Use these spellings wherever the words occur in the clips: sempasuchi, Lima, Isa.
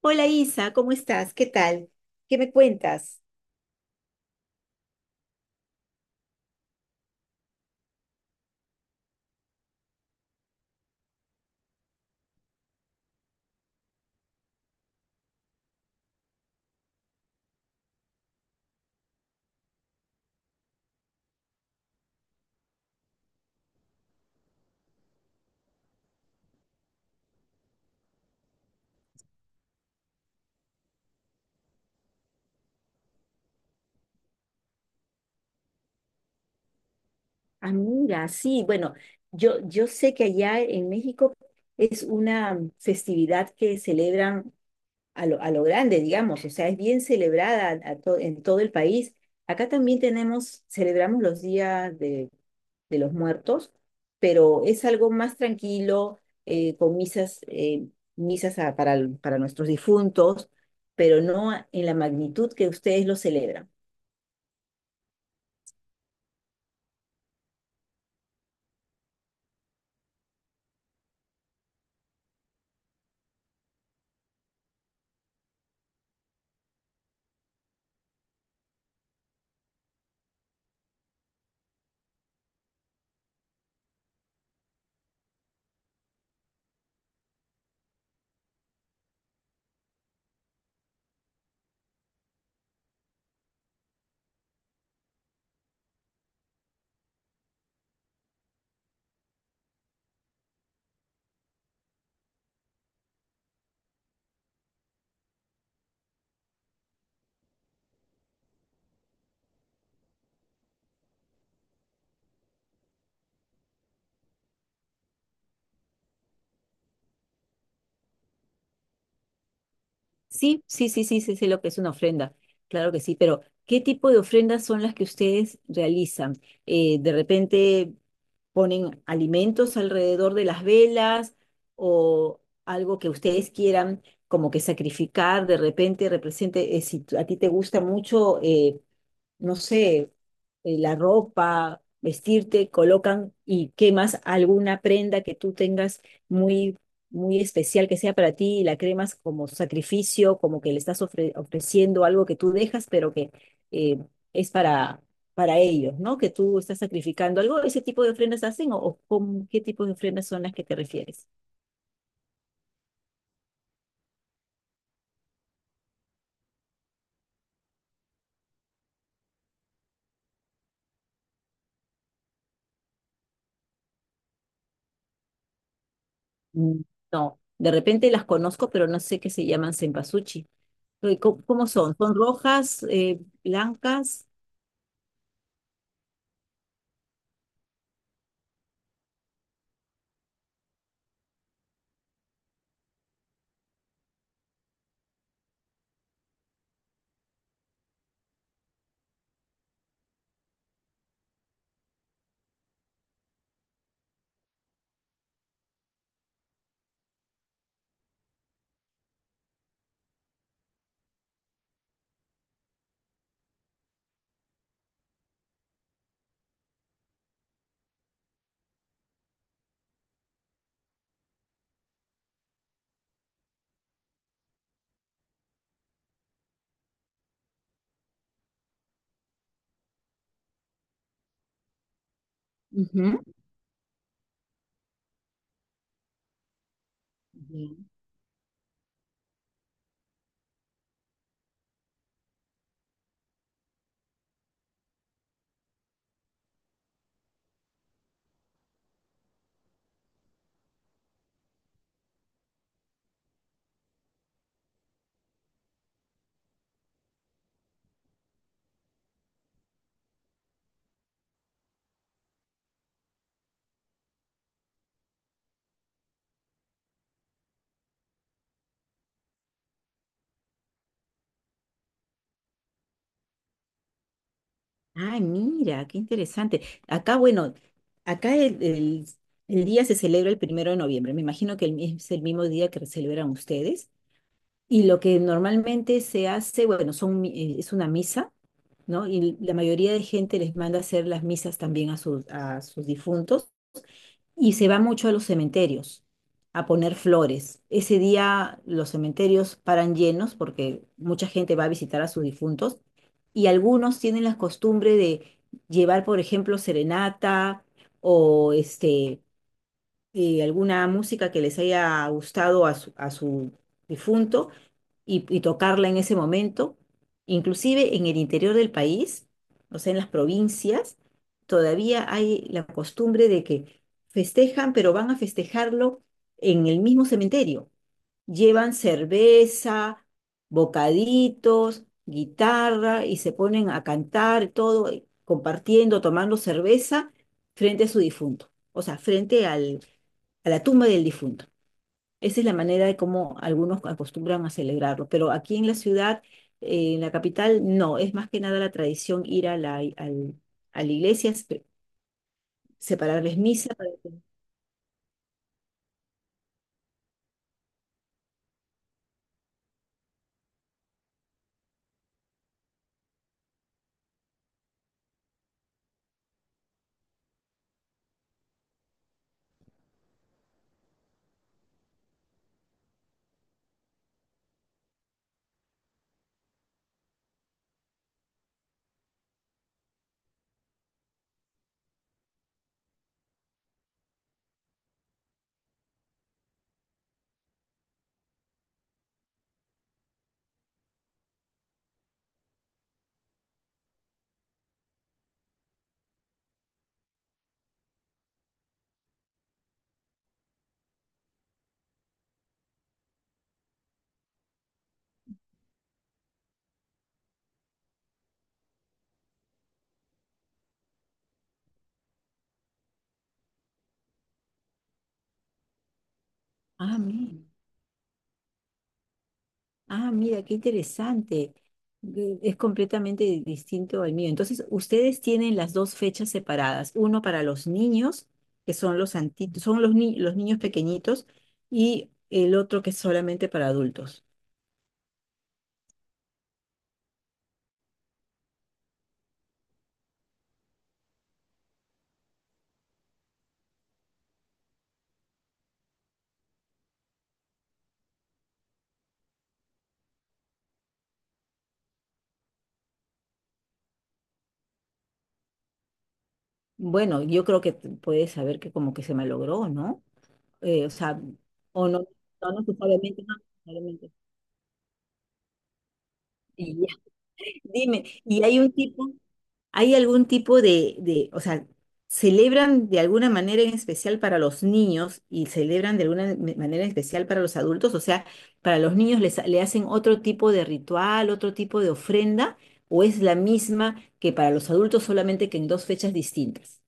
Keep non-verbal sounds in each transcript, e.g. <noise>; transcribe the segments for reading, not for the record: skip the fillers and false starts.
Hola Isa, ¿cómo estás? ¿Qué tal? ¿Qué me cuentas? Amiga, sí, bueno, yo sé que allá en México es una festividad que celebran a lo grande, digamos, o sea, es bien celebrada en todo el país. Acá también tenemos, celebramos de los muertos, pero es algo más tranquilo, con misas, para nuestros difuntos, pero no en la magnitud que ustedes lo celebran. Sí, sí, sí, sí, sí, sé lo que es una ofrenda, claro que sí, pero ¿qué tipo de ofrendas son las que ustedes realizan? ¿De repente ponen alimentos alrededor de las velas o algo que ustedes quieran como que sacrificar, de repente represente, si tú- a ti te gusta mucho, no sé, la ropa, vestirte, colocan y quemas alguna prenda que tú tengas muy, muy especial que sea para ti y la cremas como sacrificio, como que le estás ofreciendo algo que tú dejas, pero que eh, es para, para ellos, ¿no? Que tú estás sacrificando algo. ¿Ese tipo de ofrendas hacen, o con qué tipo de ofrendas son las que te refieres? Mm, no, de repente las conozco, pero no sé qué se llaman sempasuchi. ¿Cómo, cómo son? ¿Son rojas, blancas? Ujú. Bien. Ay, mira, qué interesante. Acá, bueno, acá el, el- el día se celebra el primero de noviembre. Me imagino que es el mismo día que celebran ustedes. Y lo que normalmente se hace, bueno, es una misa, ¿no? Y la mayoría de gente les manda hacer las misas también a sus difuntos. Y se va mucho a los cementerios a poner flores. Ese día los cementerios paran llenos porque mucha gente va a visitar a sus difuntos y algunos tienen la costumbre de llevar, por ejemplo, serenata o este, alguna música que les haya gustado a su difunto y tocarla en ese momento. Inclusive en el interior del país, o sea, en las provincias, todavía hay la costumbre de que festejan, pero van a festejarlo en el mismo cementerio. Llevan cerveza, bocaditos, guitarra y se ponen a cantar todo, compartiendo, tomando cerveza frente a su difunto, o sea, a la tumba del difunto. Esa es la manera de cómo algunos acostumbran a celebrarlo, pero aquí en la ciudad, en la capital, no, es más que nada la tradición ir a la iglesia, separarles misa. Para que... Ah, mira, ah, mira, qué interesante. Es completamente distinto al mío. Entonces, ustedes tienen las dos fechas separadas, uno para los niños, que son los anti- son los, ni- los niños pequeñitos, y el otro que es solamente para adultos. Bueno, yo creo que puedes saber que como que se malogró, ¿no? O sea, o no, no necesariamente, no necesariamente. Y ya. <laughs> Dime, ¿y hay un tipo, hay algún tipo de, o sea, celebran de alguna manera en especial para los niños y celebran de alguna manera en especial para los adultos? O sea, para los niños le hacen otro tipo de ritual, otro tipo de ofrenda, o es la misma que para los adultos solamente que en dos fechas distintas?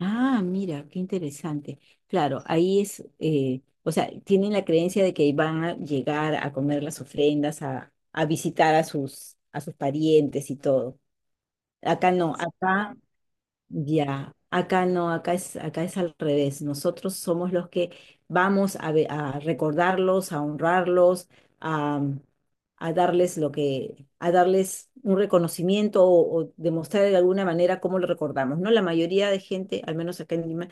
Ah, mira, qué interesante. Claro, ahí es, o sea, tienen la creencia de que van a llegar a comer las ofrendas, a visitar a sus parientes y todo. Acá no, acá ya, acá no, acá es al revés. Nosotros somos los que vamos a, a recordarlos, a honrarlos, a, a darles lo que, a darles un reconocimiento o demostrar de alguna manera cómo lo recordamos, ¿no? La mayoría de gente, al menos acá en Lima,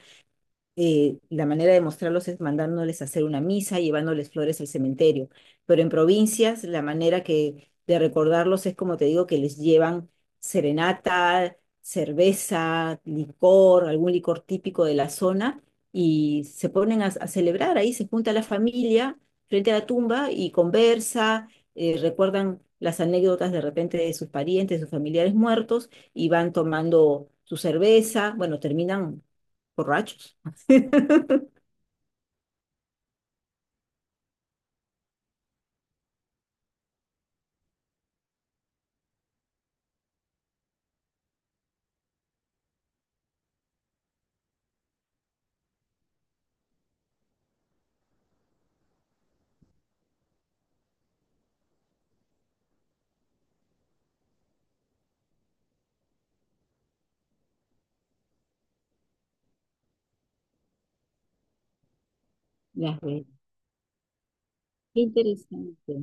la manera de mostrarlos es mandándoles a hacer una misa, llevándoles flores al cementerio. Pero en provincias, la manera que de recordarlos es como te digo, que les llevan serenata, cerveza, licor, algún licor típico de la zona, y se ponen a celebrar ahí, se junta la familia frente a la tumba y conversa, recuerdan las anécdotas de repente de sus parientes, de sus familiares muertos, y van tomando su cerveza, bueno, terminan borrachos. <laughs> Ya ves. Qué interesante.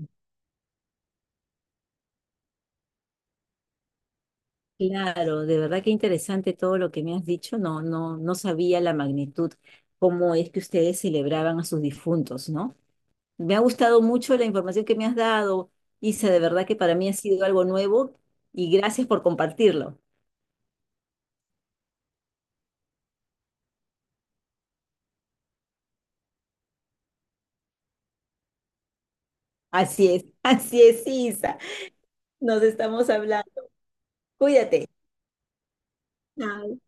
Claro, de verdad que interesante todo lo que me has dicho. No, no, no sabía la magnitud, cómo es que ustedes celebraban a sus difuntos, ¿no? Me ha gustado mucho la información que me has dado, Isa. De verdad que para mí ha sido algo nuevo y gracias por compartirlo. Así es, <laughs> así es, Isa. Nos estamos hablando. Cuídate. Chao.